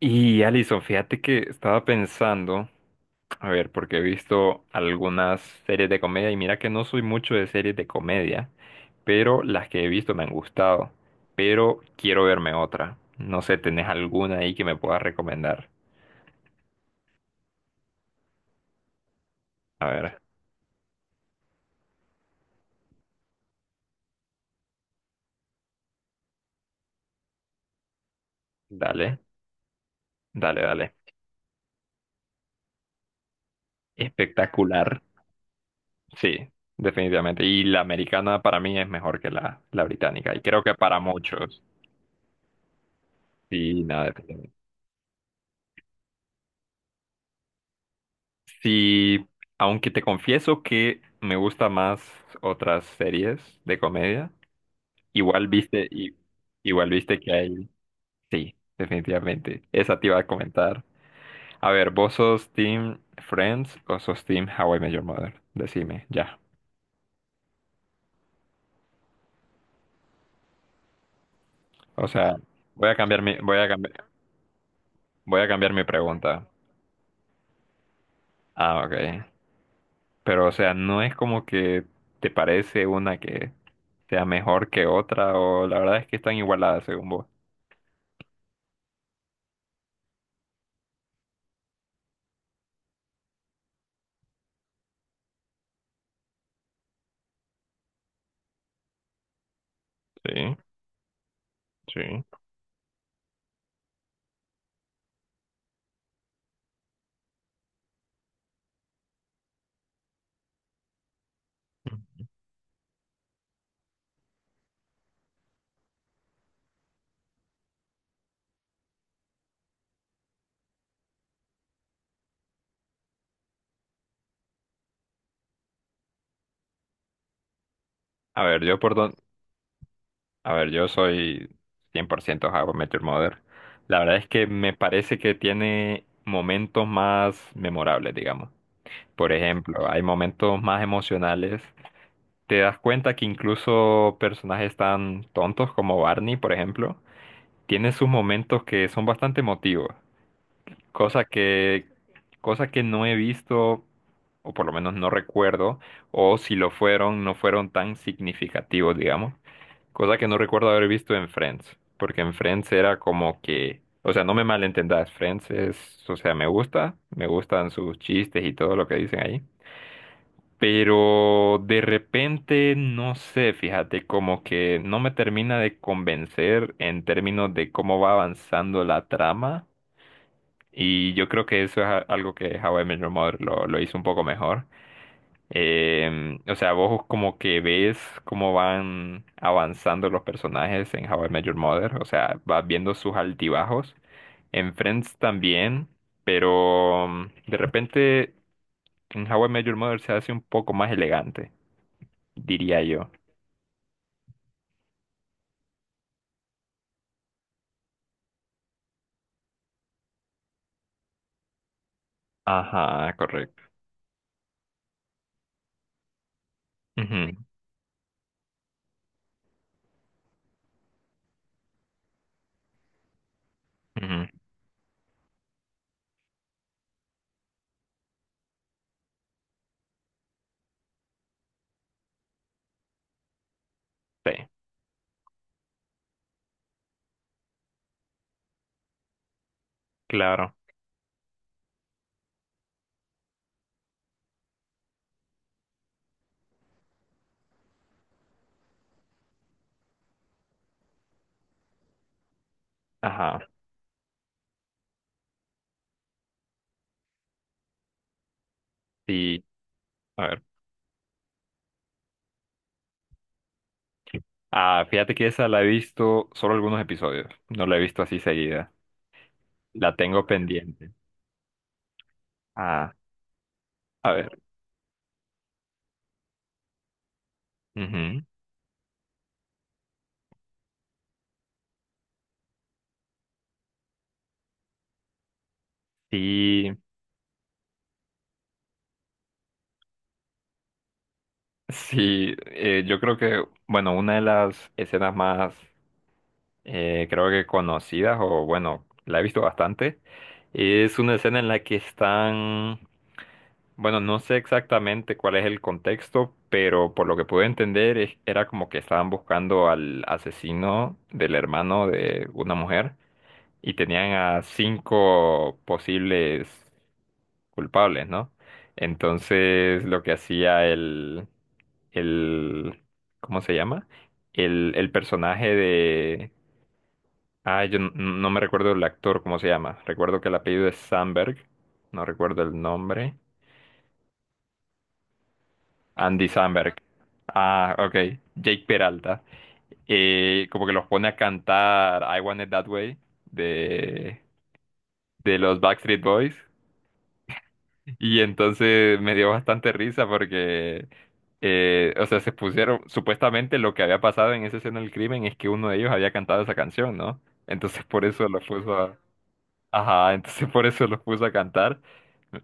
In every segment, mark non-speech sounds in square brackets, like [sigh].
Y Alison, fíjate que estaba pensando, a ver, porque he visto algunas series de comedia y mira que no soy mucho de series de comedia, pero las que he visto me han gustado, pero quiero verme otra. No sé, ¿tenés alguna ahí que me puedas recomendar? A ver, dale, dale, dale. Espectacular. Sí, definitivamente. Y la americana para mí es mejor que la británica y creo que para muchos. Sí, nada, sí, aunque te confieso que me gusta más otras series de comedia, igual. Ah, viste, y, igual viste que hay, sí, definitivamente. Esa te iba a comentar. A ver, ¿vos sos Team Friends o sos Team How I Met Your Mother? Decime, ya. O sea, voy a cambiar mi, voy a cambiar, voy a cambiar mi pregunta. Ah, ok. Pero, o sea, no es como que te parece una que sea mejor que otra, o la verdad es que están igualadas según vos. Sí, sí. A ver, yo por don... A ver, yo soy 100% How I Met Your Mother. La verdad es que me parece que tiene momentos más memorables, digamos. Por ejemplo, hay momentos más emocionales. Te das cuenta que incluso personajes tan tontos como Barney, por ejemplo, tienen sus momentos que son bastante emotivos. Cosa que, cosa que no he visto, o por lo menos no recuerdo, o si lo fueron, no fueron tan significativos, digamos. Cosa que no recuerdo haber visto en Friends, porque en Friends era como que, o sea, no me malentendas, Friends es, o sea, me gusta, me gustan sus chistes y todo lo que dicen ahí, pero de repente, no sé, fíjate, como que no me termina de convencer en términos de cómo va avanzando la trama. Y yo creo que eso es algo que How I Met Your Mother lo hizo un poco mejor. O sea, vos como que ves cómo van avanzando los personajes en How I Met Your Mother. O sea, vas viendo sus altibajos. En Friends también, pero de repente en How I Met Your Mother se hace un poco más elegante, diría yo. Ajá, correcto. Ujú, ujú, sí, claro. Ajá, sí. A ver. Ah, fíjate que esa la he visto solo algunos episodios. No la he visto así seguida. La tengo pendiente. Ah, a ver. Ujú. Sí, sí, yo creo que, bueno, una de las escenas más, creo que conocidas, o bueno, la he visto bastante, es una escena en la que están, bueno, no sé exactamente cuál es el contexto, pero por lo que pude entender, era como que estaban buscando al asesino del hermano de una mujer, y tenían a 5 posibles culpables, ¿no? Entonces lo que hacía el, ¿cómo se llama? El personaje de, ah, yo no, no me recuerdo el actor, ¿cómo se llama? Recuerdo que el apellido es Sandberg, no recuerdo el nombre, Andy Samberg. Ah, ok, Jake Peralta, como que los pone a cantar I Want It That Way de, de los Backstreet Boys. Y entonces me dio bastante risa porque, o sea, se pusieron, supuestamente lo que había pasado en esa escena del crimen es que uno de ellos había cantado esa canción, ¿no? Entonces por eso lo puso a... Ajá, entonces [laughs] por eso lo puso a cantar.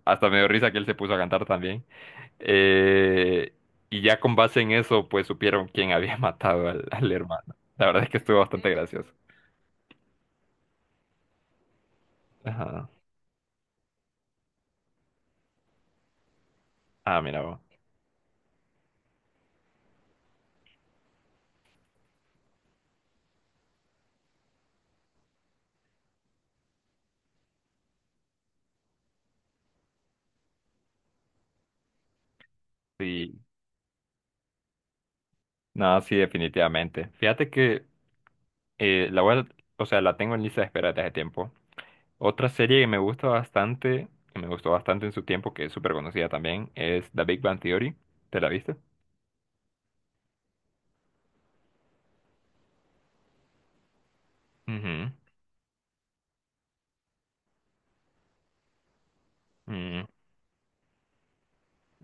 Hasta me dio risa que él se puso a cantar también. Eh, y ya con base en eso, pues supieron quién había [laughs] matado al hermano. La verdad es que estuvo bastante gracioso. Ajá. Ah, mira vos. Sí. No, sí, definitivamente. Fíjate que Eh, la voy a- o sea, la tengo en lista de espera desde hace tiempo. Otra serie que me gusta bastante, que me gustó bastante en su tiempo, que es súper conocida también, es The Big Bang Theory. ¿Te la viste? Ujú, mm,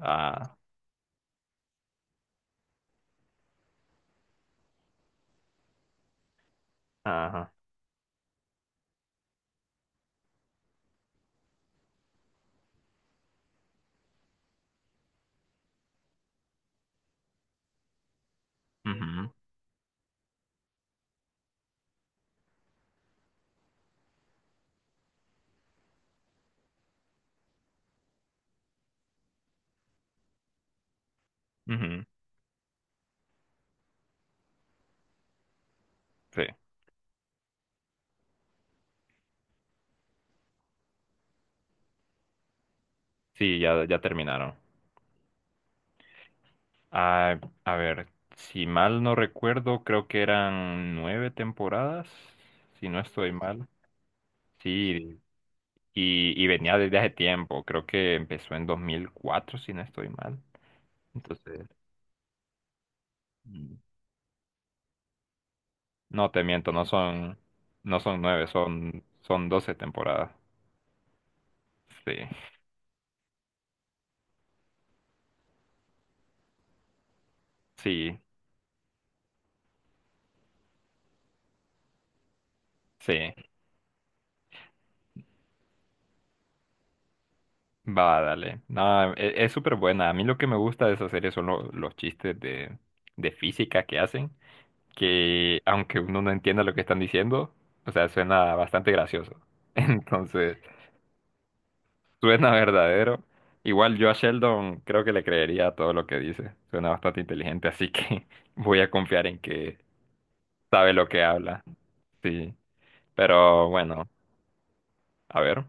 ah, ajá, ujú, ujú, sí, sí, ya, ya terminaron. Ah, a ver, si mal no recuerdo, creo que eran 9 temporadas, si no estoy mal. Sí, y venía desde hace tiempo, creo que empezó en 2004 si no estoy mal. Entonces, mm, no te miento, no son, no son 9, son, son 12 temporadas. Sí, sí, sí. Va, dale. No, es súper buena. A mí lo que me gusta de esa serie son los chistes de física que hacen, que aunque uno no entienda lo que están diciendo, o sea, suena bastante gracioso. [laughs] Entonces, suena verdadero. Igual yo a Sheldon creo que le creería todo lo que dice. Suena bastante inteligente, así que [laughs] voy a confiar en que sabe lo que habla. Sí. Pero bueno, a ver.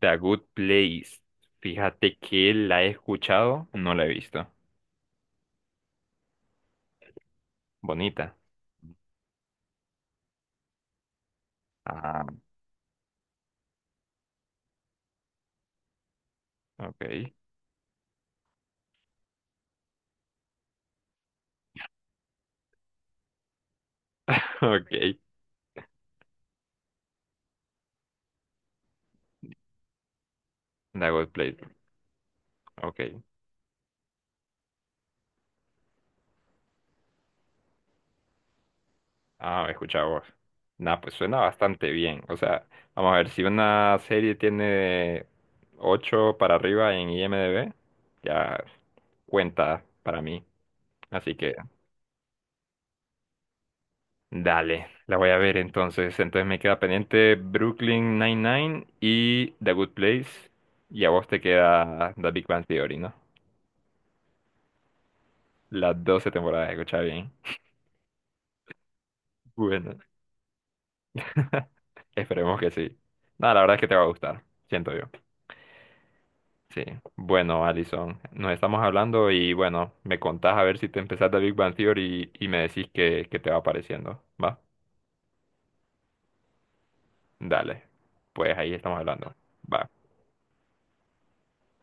The Good Place. Fíjate que la he escuchado, no la he visto. Bonita. Ah, ok. [laughs] Ok. The Good Place. Ok. Ah, he escuchado vos. Nah, pues suena bastante bien. O sea, vamos a ver, si una serie tiene 8 para arriba en IMDb, ya cuenta para mí. Así que dale, la voy a ver entonces. Entonces me queda pendiente Brooklyn Nine-Nine y The Good Place. Y a vos te queda The Big Bang Theory, ¿no? Las 12 temporadas, escucha bien. Bueno, [laughs] esperemos que sí. No, la verdad es que te va a gustar, siento yo. Sí. Bueno, Alison, nos estamos hablando y bueno, me contás a ver si te empezás The Big Bang Theory y me decís qué qué te va pareciendo. ¿Va? Dale. Pues ahí estamos hablando. Va.